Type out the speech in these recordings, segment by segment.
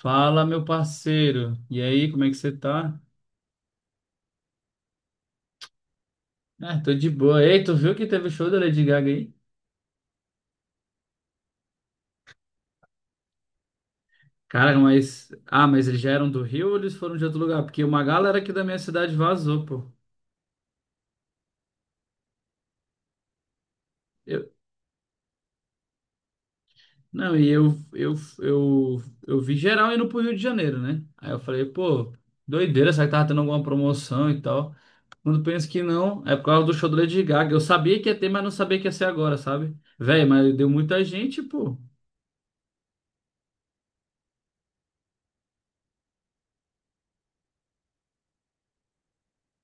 Fala, meu parceiro. E aí, como é que você tá? Ah, tô de boa. Ei, tu viu que teve o show da Lady Gaga aí? Cara, Ah, mas eles já eram do Rio ou eles foram de outro lugar? Porque uma galera aqui da minha cidade vazou, pô. Eu... Não, e eu, eu vi geral indo pro Rio de Janeiro, né? Aí eu falei, pô, doideira, será que tava tendo alguma promoção e tal? Quando penso que não, é por causa do show da Lady Gaga. Eu sabia que ia ter, mas não sabia que ia ser agora, sabe? Véi, mas deu muita gente, pô.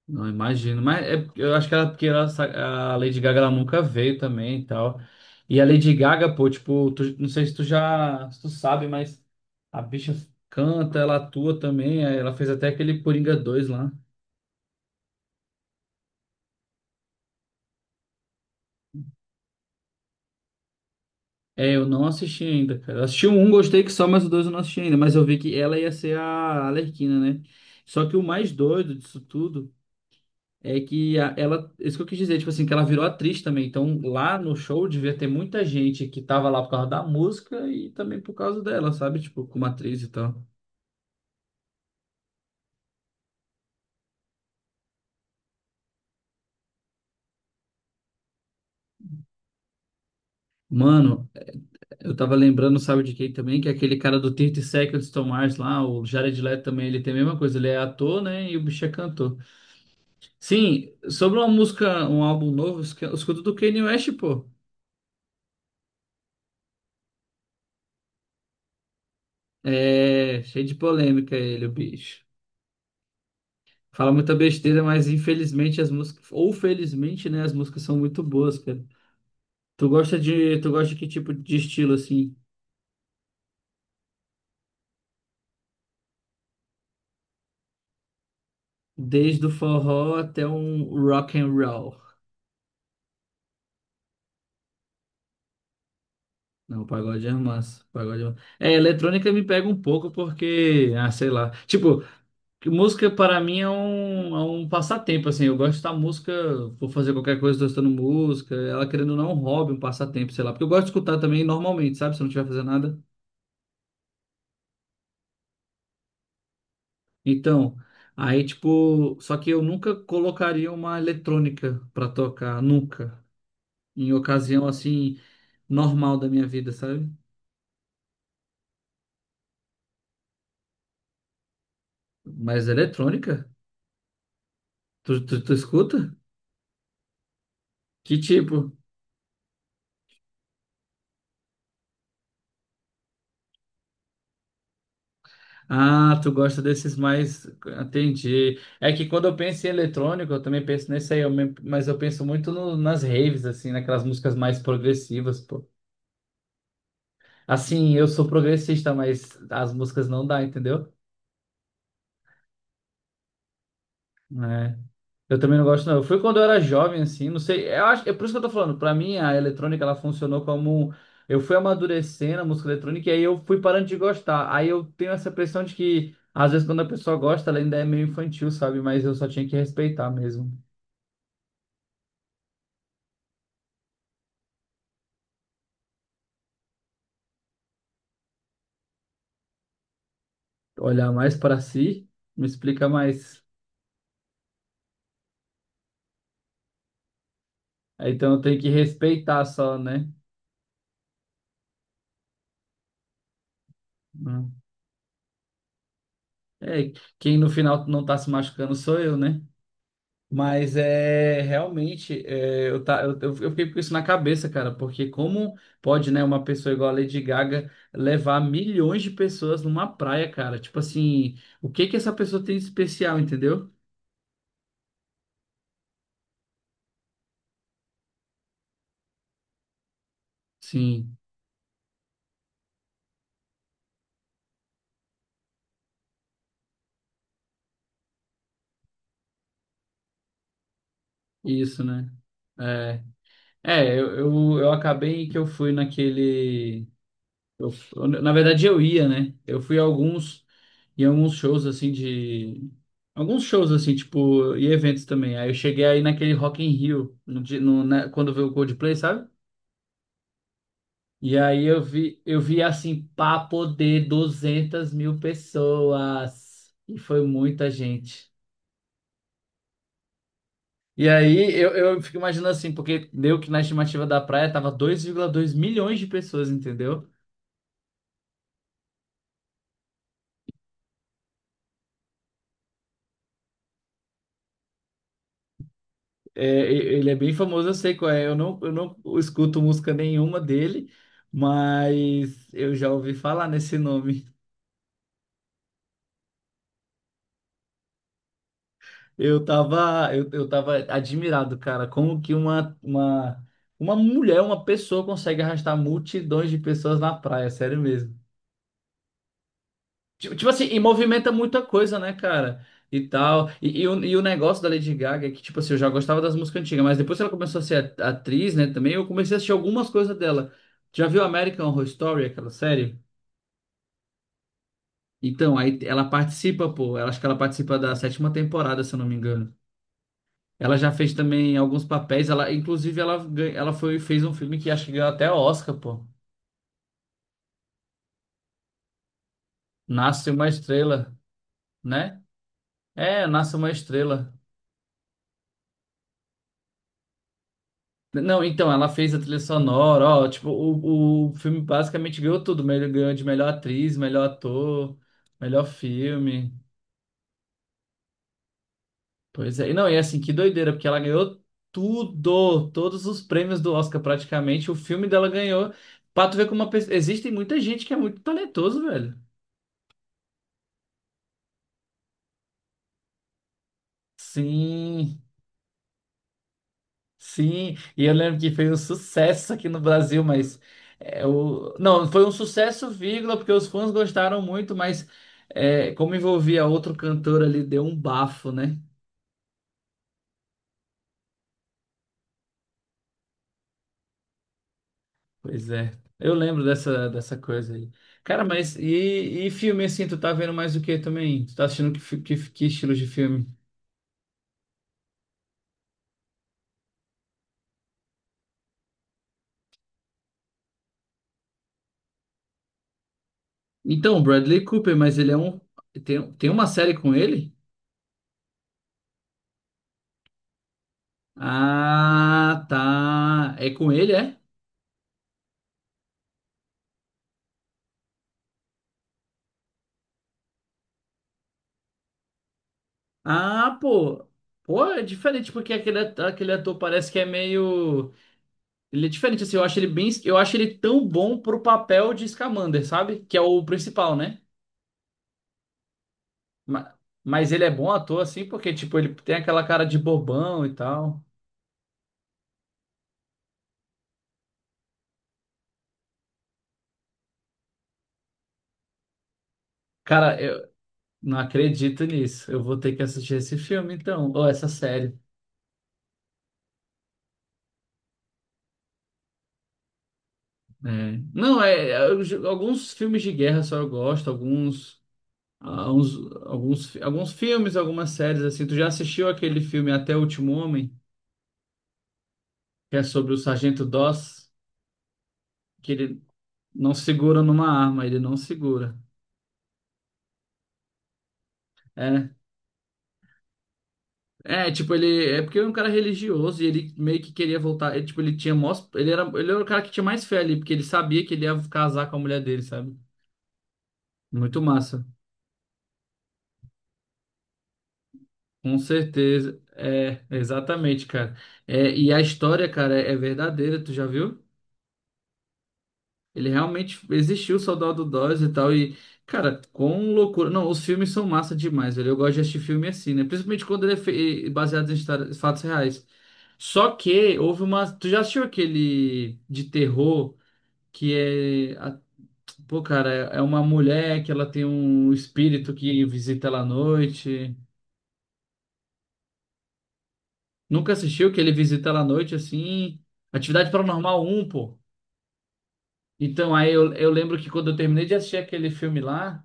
Não imagino, mas é, eu acho que era porque a Lady Gaga ela nunca veio também e tal. E a Lady Gaga, pô, tipo, não sei se se tu sabe, mas a bicha canta, ela atua também, aí ela fez até aquele Coringa 2 lá. É, eu não assisti ainda, cara. Eu assisti o um, gostei que só, mas o dois eu não assisti ainda, mas eu vi que ela ia ser a Arlequina, né? Só que o mais doido disso tudo é que ela, isso que eu quis dizer, tipo assim, que ela virou atriz também. Então, lá no show devia ter muita gente que tava lá por causa da música e também por causa dela, sabe? Tipo, como atriz e tal. Mano, eu tava lembrando, sabe de quem também? Que é aquele cara do 30 Seconds to Mars lá, o Jared Leto também, ele tem a mesma coisa, ele é ator, né? E o bicho é cantor. Sim, sobre uma música, um álbum novo, eu escuto do Kanye West, pô. É, cheio de polêmica ele, o bicho. Fala muita besteira, mas infelizmente as músicas, ou felizmente, né, as músicas são muito boas, cara. Tu gosta de que tipo de estilo assim? Desde o forró até um rock and roll. Não, o pagode é massa, o pagode é massa. É, eletrônica me pega um pouco porque, ah, sei lá. Tipo, que música para mim é um passatempo assim. Eu gosto da música, vou fazer qualquer coisa tô escutando música, ela querendo ou não é um hobby, um passatempo, sei lá. Porque eu gosto de escutar também normalmente, sabe? Se eu não estiver fazendo nada. Então, aí tipo, só que eu nunca colocaria uma eletrônica pra tocar, nunca. Em ocasião assim, normal da minha vida, sabe? Mas eletrônica? Tu escuta? Que tipo? Ah, tu gosta desses mais. Entendi. É que quando eu penso em eletrônico, eu também penso nesse aí, mas eu penso muito nas raves, assim, naquelas músicas mais progressivas, pô. Assim, eu sou progressista, mas as músicas não dá, entendeu? É. Eu também não gosto, não. Eu fui quando eu era jovem, assim, não sei. Eu acho, é por isso que eu tô falando. Pra mim, a eletrônica, ela funcionou como. Eu fui amadurecendo a música eletrônica e aí eu fui parando de gostar. Aí eu tenho essa impressão de que, às vezes, quando a pessoa gosta, ela ainda é meio infantil, sabe? Mas eu só tinha que respeitar mesmo. Olhar mais pra si, me explica mais. Aí, então eu tenho que respeitar só, né? Hum. É, quem no final não tá se machucando sou eu, né? Mas é realmente, é, eu, tá, eu fiquei com isso na cabeça, cara, porque como pode, né, uma pessoa igual a Lady Gaga levar milhões de pessoas numa praia, cara? Tipo assim, o que que essa pessoa tem de especial, entendeu? Sim, isso, né? É, é, eu acabei que eu fui naquele. Na verdade, eu ia, né? Eu fui a alguns, em alguns shows, assim, de... Alguns shows, assim, tipo, e eventos também. Aí eu cheguei aí naquele Rock in Rio, no, di- no, né, quando veio o Coldplay, sabe? E aí eu vi, assim, papo de 200 mil pessoas. E foi muita gente. E aí eu fico imaginando assim, porque deu que na estimativa da praia tava 2,2 milhões de pessoas, entendeu? É, ele é bem famoso, eu sei qual é. Eu não escuto música nenhuma dele, mas eu já ouvi falar nesse nome. Eu tava admirado, cara, como que uma mulher, uma pessoa consegue arrastar multidões de pessoas na praia, sério mesmo. Tipo assim, e movimenta muita coisa, né, cara? E tal. E o negócio da Lady Gaga é que, tipo assim, eu já gostava das músicas antigas, mas depois que ela começou a ser atriz, né, também, eu comecei a assistir algumas coisas dela. Já viu American Horror Story, aquela série? Então, aí ela participa, pô. Ela, acho que ela participa da sétima temporada, se eu não me engano. Ela já fez também alguns papéis. Ela, inclusive, ela, ela foi, fez um filme que acho que ganhou até Oscar, pô. Nasce uma estrela, né? É, Nasce uma estrela. Não, então, ela fez a trilha sonora, ó, tipo, o filme basicamente ganhou tudo, ganhou de melhor atriz, melhor ator, melhor filme. Pois é, e não, e assim, que doideira, porque ela ganhou tudo, todos os prêmios do Oscar praticamente, o filme dela ganhou. Pra tu ver como uma pessoa... Existe muita gente que é muito talentoso, velho. Sim. Sim, e eu lembro que foi um sucesso aqui no Brasil, mas é, o... não, foi um sucesso, vírgula, porque os fãs gostaram muito, mas é, como envolvia outro cantor ali, deu um bafo, né? Pois é, eu lembro dessa coisa aí. Cara, mas e filme assim, tu tá vendo mais o que também? Tu tá assistindo que estilo de filme? Então, Bradley Cooper, mas ele é um. Tem uma série com ele? Ah, tá. É com ele, é? Ah, pô. Pô, é diferente porque aquele ator parece que é meio. Ele é diferente, assim. Eu acho ele bem. Eu acho ele tão bom pro papel de Scamander, sabe? Que é o principal, né? Ma- Mas ele é bom ator, assim, porque, tipo, ele tem aquela cara de bobão e tal. Cara, eu não acredito nisso. Eu vou ter que assistir esse filme, então. Ou essa série. É. Não, é, alguns filmes de guerra só eu gosto, alguns. ah, uns, alguns filmes, algumas séries assim. Tu já assistiu aquele filme Até o Último Homem, que é sobre o Sargento Doss, que ele não segura numa arma, ele não segura. É, é, tipo, ele é porque ele é um cara religioso e ele meio que queria voltar, ele, tipo, ele tinha mós, ele era o cara que tinha mais fé ali, porque ele sabia que ele ia casar com a mulher dele, sabe? Muito massa. Com certeza. É, exatamente, cara. É, e a história, cara, é verdadeira, tu já viu? Ele realmente existiu, o Soldado Dose e tal. E, cara, com loucura. Não, os filmes são massa demais, velho. Eu gosto de assistir filme assim, né? Principalmente quando ele é baseado em fatos reais. Só que houve uma. Tu já assistiu aquele de terror que é. a- Pô, cara, é uma mulher que ela tem um espírito que visita ela à noite. Nunca assistiu que ele visita ela à noite assim? Atividade Paranormal um pô. Então, aí eu lembro que quando eu terminei de assistir aquele filme lá.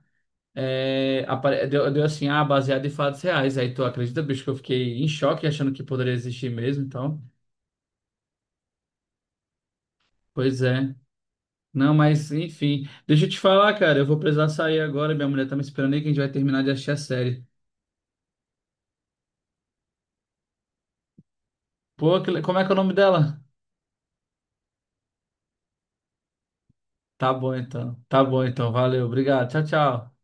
É, deu assim, baseado em fatos reais. Aí tu acredita, bicho, que eu fiquei em choque achando que poderia existir mesmo e tal. Pois é. Não, mas enfim. Deixa eu te falar, cara, eu vou precisar sair agora. Minha mulher tá me esperando aí que a gente vai terminar de assistir a série. Pô, como é que é o nome dela? Tá bom então. Tá bom então. Valeu. Obrigado. Tchau, tchau.